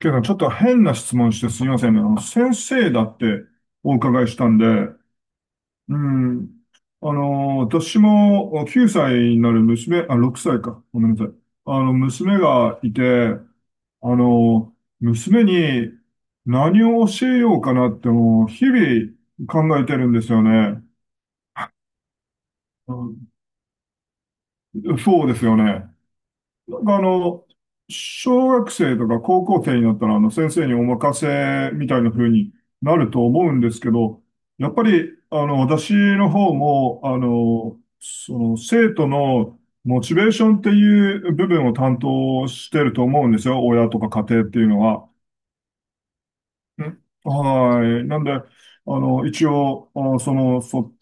けど、ちょっと変な質問してすみませんね。先生だってお伺いしたんで、うん。私も9歳になる娘、あ、6歳か。ごめんなさい。娘がいて、あの、娘に何を教えようかなってもう日々考えてるんですよね。うん、そうですよね。なんかあの、小学生とか高校生になったら、先生にお任せみたいな風になると思うんですけど、やっぱり、私の方も、生徒のモチベーションっていう部分を担当してると思うんですよ。親とか家庭っていうのは。うん、はい。なんで、一応、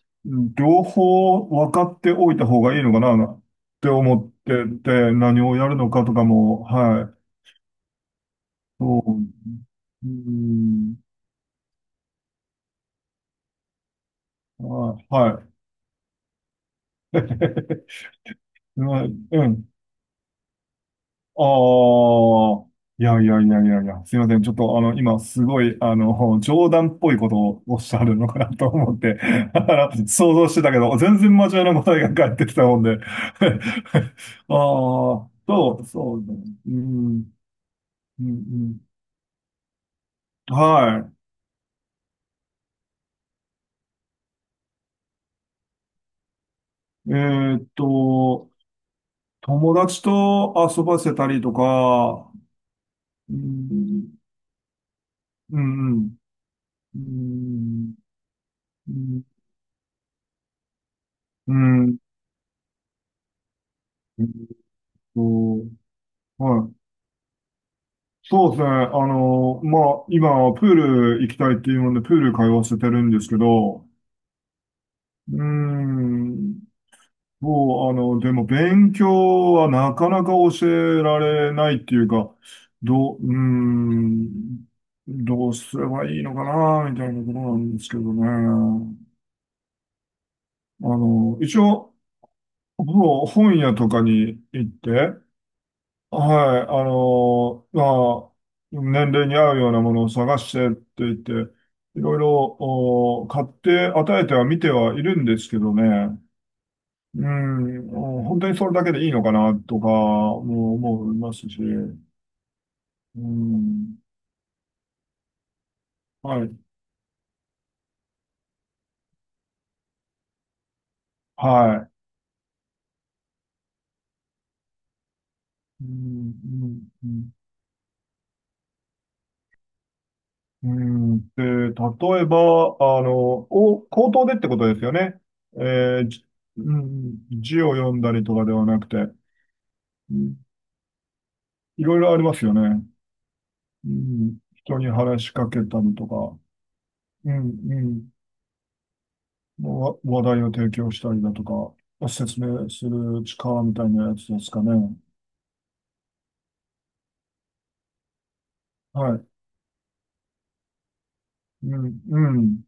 両方分かっておいた方がいいのかなって思って、何をやるのかとかも、はい。そう。うん。はい。はい。 はい、うん。ああ、いやいやいやいやいや、すいません。ちょっと今すごい、冗談っぽいことをおっしゃるのかなと思って、想像してたけど、全然真面目な答えが返ってきたもんで。ああ、そうね。うん、うん、うん。はい。えーっと、友達と遊ばせたりとか、うん、うん、うん、うん、うん、うん、えーっと、はい、そうですね。今、プール行きたいっていうもんで、プール通わせてるんですけど、うーん、もう、でも、勉強はなかなか教えられないっていうか、どう、うーん、どうすればいいのかな、みたいなところなんですけどね。一応、ほぼ本屋とかに行って、はい、年齢に合うようなものを探してって言って、いろいろお買って与えては見てはいるんですけどね、うん、お本当にそれだけでいいのかなとかも思いますし、うん、はい、はい。うんうんうんで、例えば、お、口頭でってことですよね。えーじ、うん、字を読んだりとかではなくて、うん、いろいろありますよね。うん、人に話しかけたりとか、うん、うん、わ話題を提供したりだとか、説明する力みたいなやつですかね。はい。うん、うん、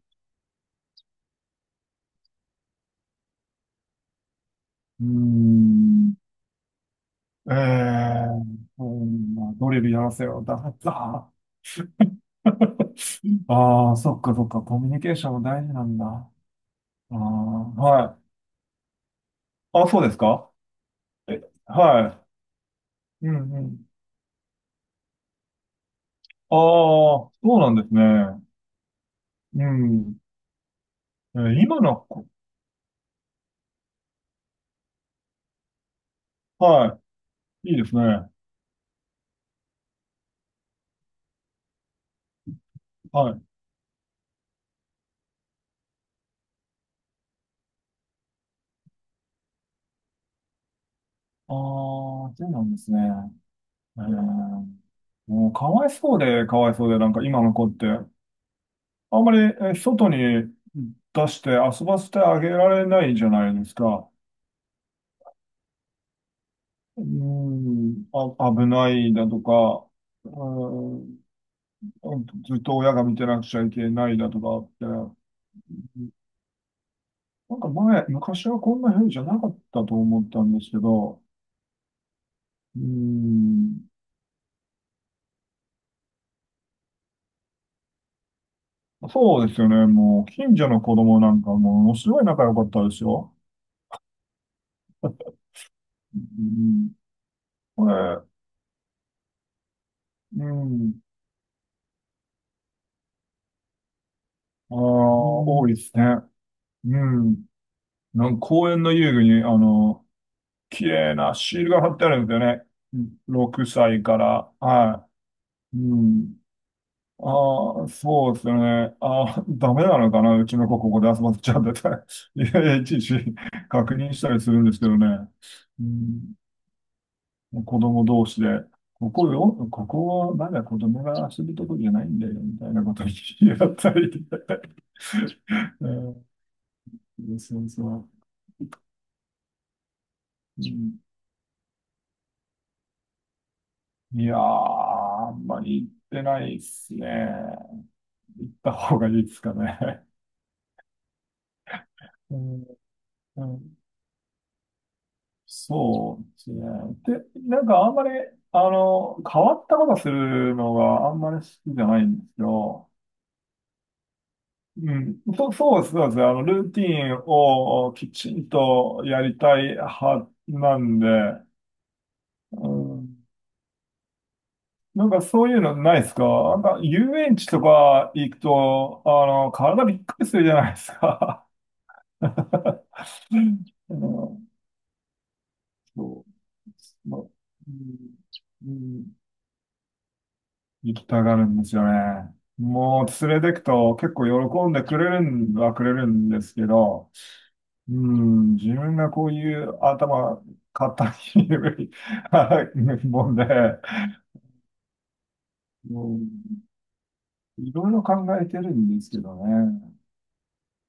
うん。ええー、うん、まあ、ドリルやらせよ。だった。ああ、そっかそっか。コミュニケーションも大事なんだ。ああ、はい。あ、そうですか。え、はい。うん、うん。ああ、そうなんですね。うん。えー今のこ、はい。いいですね。はい。ああ、そうなんですね。えー、もうかわいそうで、かわいそうで、なんか今の子って、あんまり外に出して遊ばせてあげられないじゃないですか。うーん、あ、危ないだとか、うーん、ずっと親が見てなくちゃいけないだとかって、なんか前、昔はこんな風じゃなかったと思ったんですけど、うーん、そうですよね。もう、近所の子供なんかものすごい仲良かったですよ。うん。これ、うん。ああ、多いですね。うん。なんか公園の遊具に、綺麗なシールが貼ってあるんですよね。うん、6歳から。はい。うん。ああ、そうですよね。ああ、ダメなのかな。うちの子ここで遊ばせちゃうんだったり いやいや、いちいち確認したりするんですけどね。うん。子供同士で、ここよ、ここはまだ子供が遊ぶとこじゃないんだよ、みたいなこと言い合ったり。うん、そう。うん、いやー、あんまり行ってないっすね。行った方がいいですかね。うん、うん、そうですね。で、なんかあんまり、変わったことするのがあんまり好きじゃないんですよ。うん、そ、そうです、そうです。ルーティンをきちんとやりたい派なんで、うん、なんかそういうのないですか。なんか遊園地とか行くと、体びっくりするじゃないですか。うん、そう、まうんうん行きたがるんですよね。もう連れてくと結構喜んでくれるんはくれるんですけど、うん、自分がこういう頭、硬い もんで、うん、いろいろ考えてるんですけどね。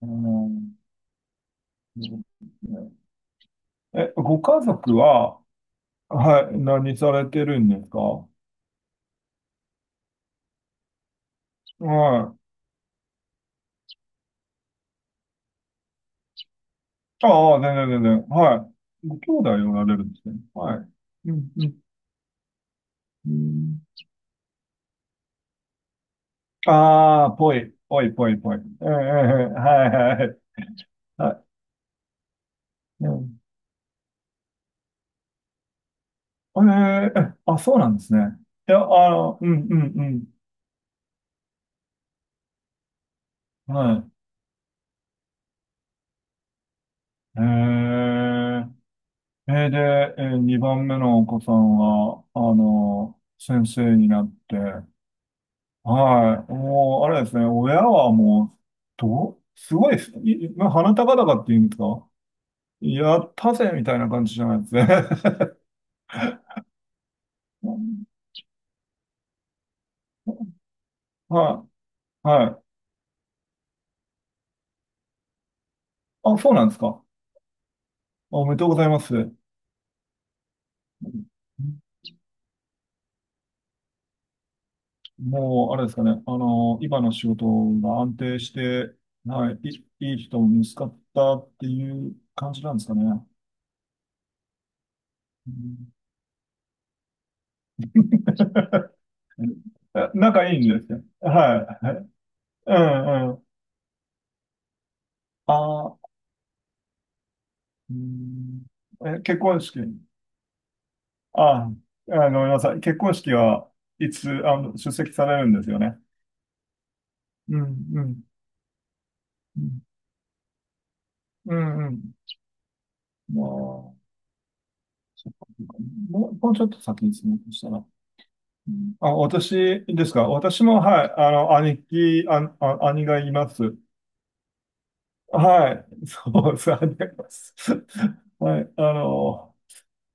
うん、え、ご家族は、はい、何されてるんですか。はい。ああ、全然全然。はい。ご兄弟おられるんですね。はい。うん、うん、うん。ああ、ぽい、ぽい、ぽい、ぽい。ええ、ええ、はい、はい、はい。ええ、え、あ、そうなんですね。いや、うん、うん、うん。はい。ええ、えーで、えー、2番目のお子さんは、先生になって、はい。もう、あれですね、親はもう、すごいですね、まあ鼻高々っていうんですか、やったぜみたいな感じじゃないですね。はい。はい。あ、そうなんですか。おめでとうございます。うん、もう、あれですかね。今の仕事が安定して、はい、いい人も見つかったっていう感じなんですかね。うん。 仲いいんですね。はい。はい、うん、うん。あー、うん、え、結婚式。あー、ごめんなさい。結婚式はいつ、出席されるんですよね。うん、うん、うん、うん、うん。まあ、そっかそっか、もう、もうちょっと先ですね。そしたら。あ、私ですか。私も、はい、あの、兄貴、あ、あ、兄がいます。はい。そう、兄がいます。はい、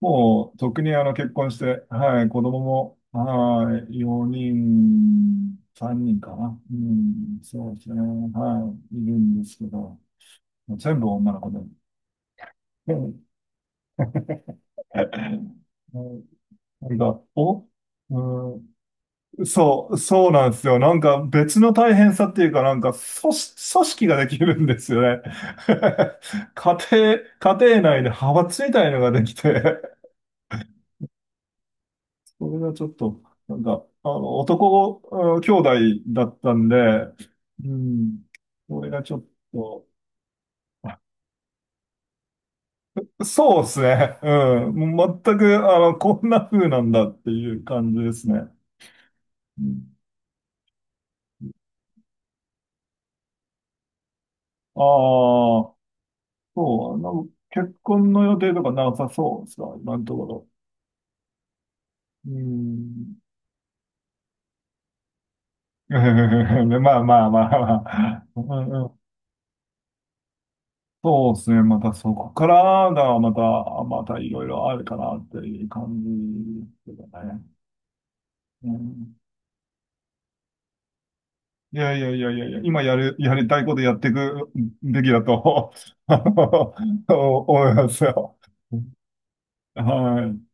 もう、特に結婚して、はい、子供も、はい、4人、3人かな。うん、そうですね。はい、いるんですけど、全部女の子で。うん、なんか、お、うん、そう、そうなんですよ。なんか別の大変さっていうか、なんか組織ができるんですよね。家庭内で派閥みたいのができて、それがちょっと、なんか、男、うん、兄弟だったんで、うん、それがちょっと、そうですね。うん。もう全く、こんな風なんだっていう感じですね。うん、ああ、そう、なんか結婚の予定とかなさそうですか、今のところ。うん。まあまあまあまあ。うん、うん、そうですね。またそこからがまた、またいろいろあるかなっていう感じですけどね。うん、いやいやいやいやいや、今やる、やりたいことやっていくべきだと 思いますよ。はい。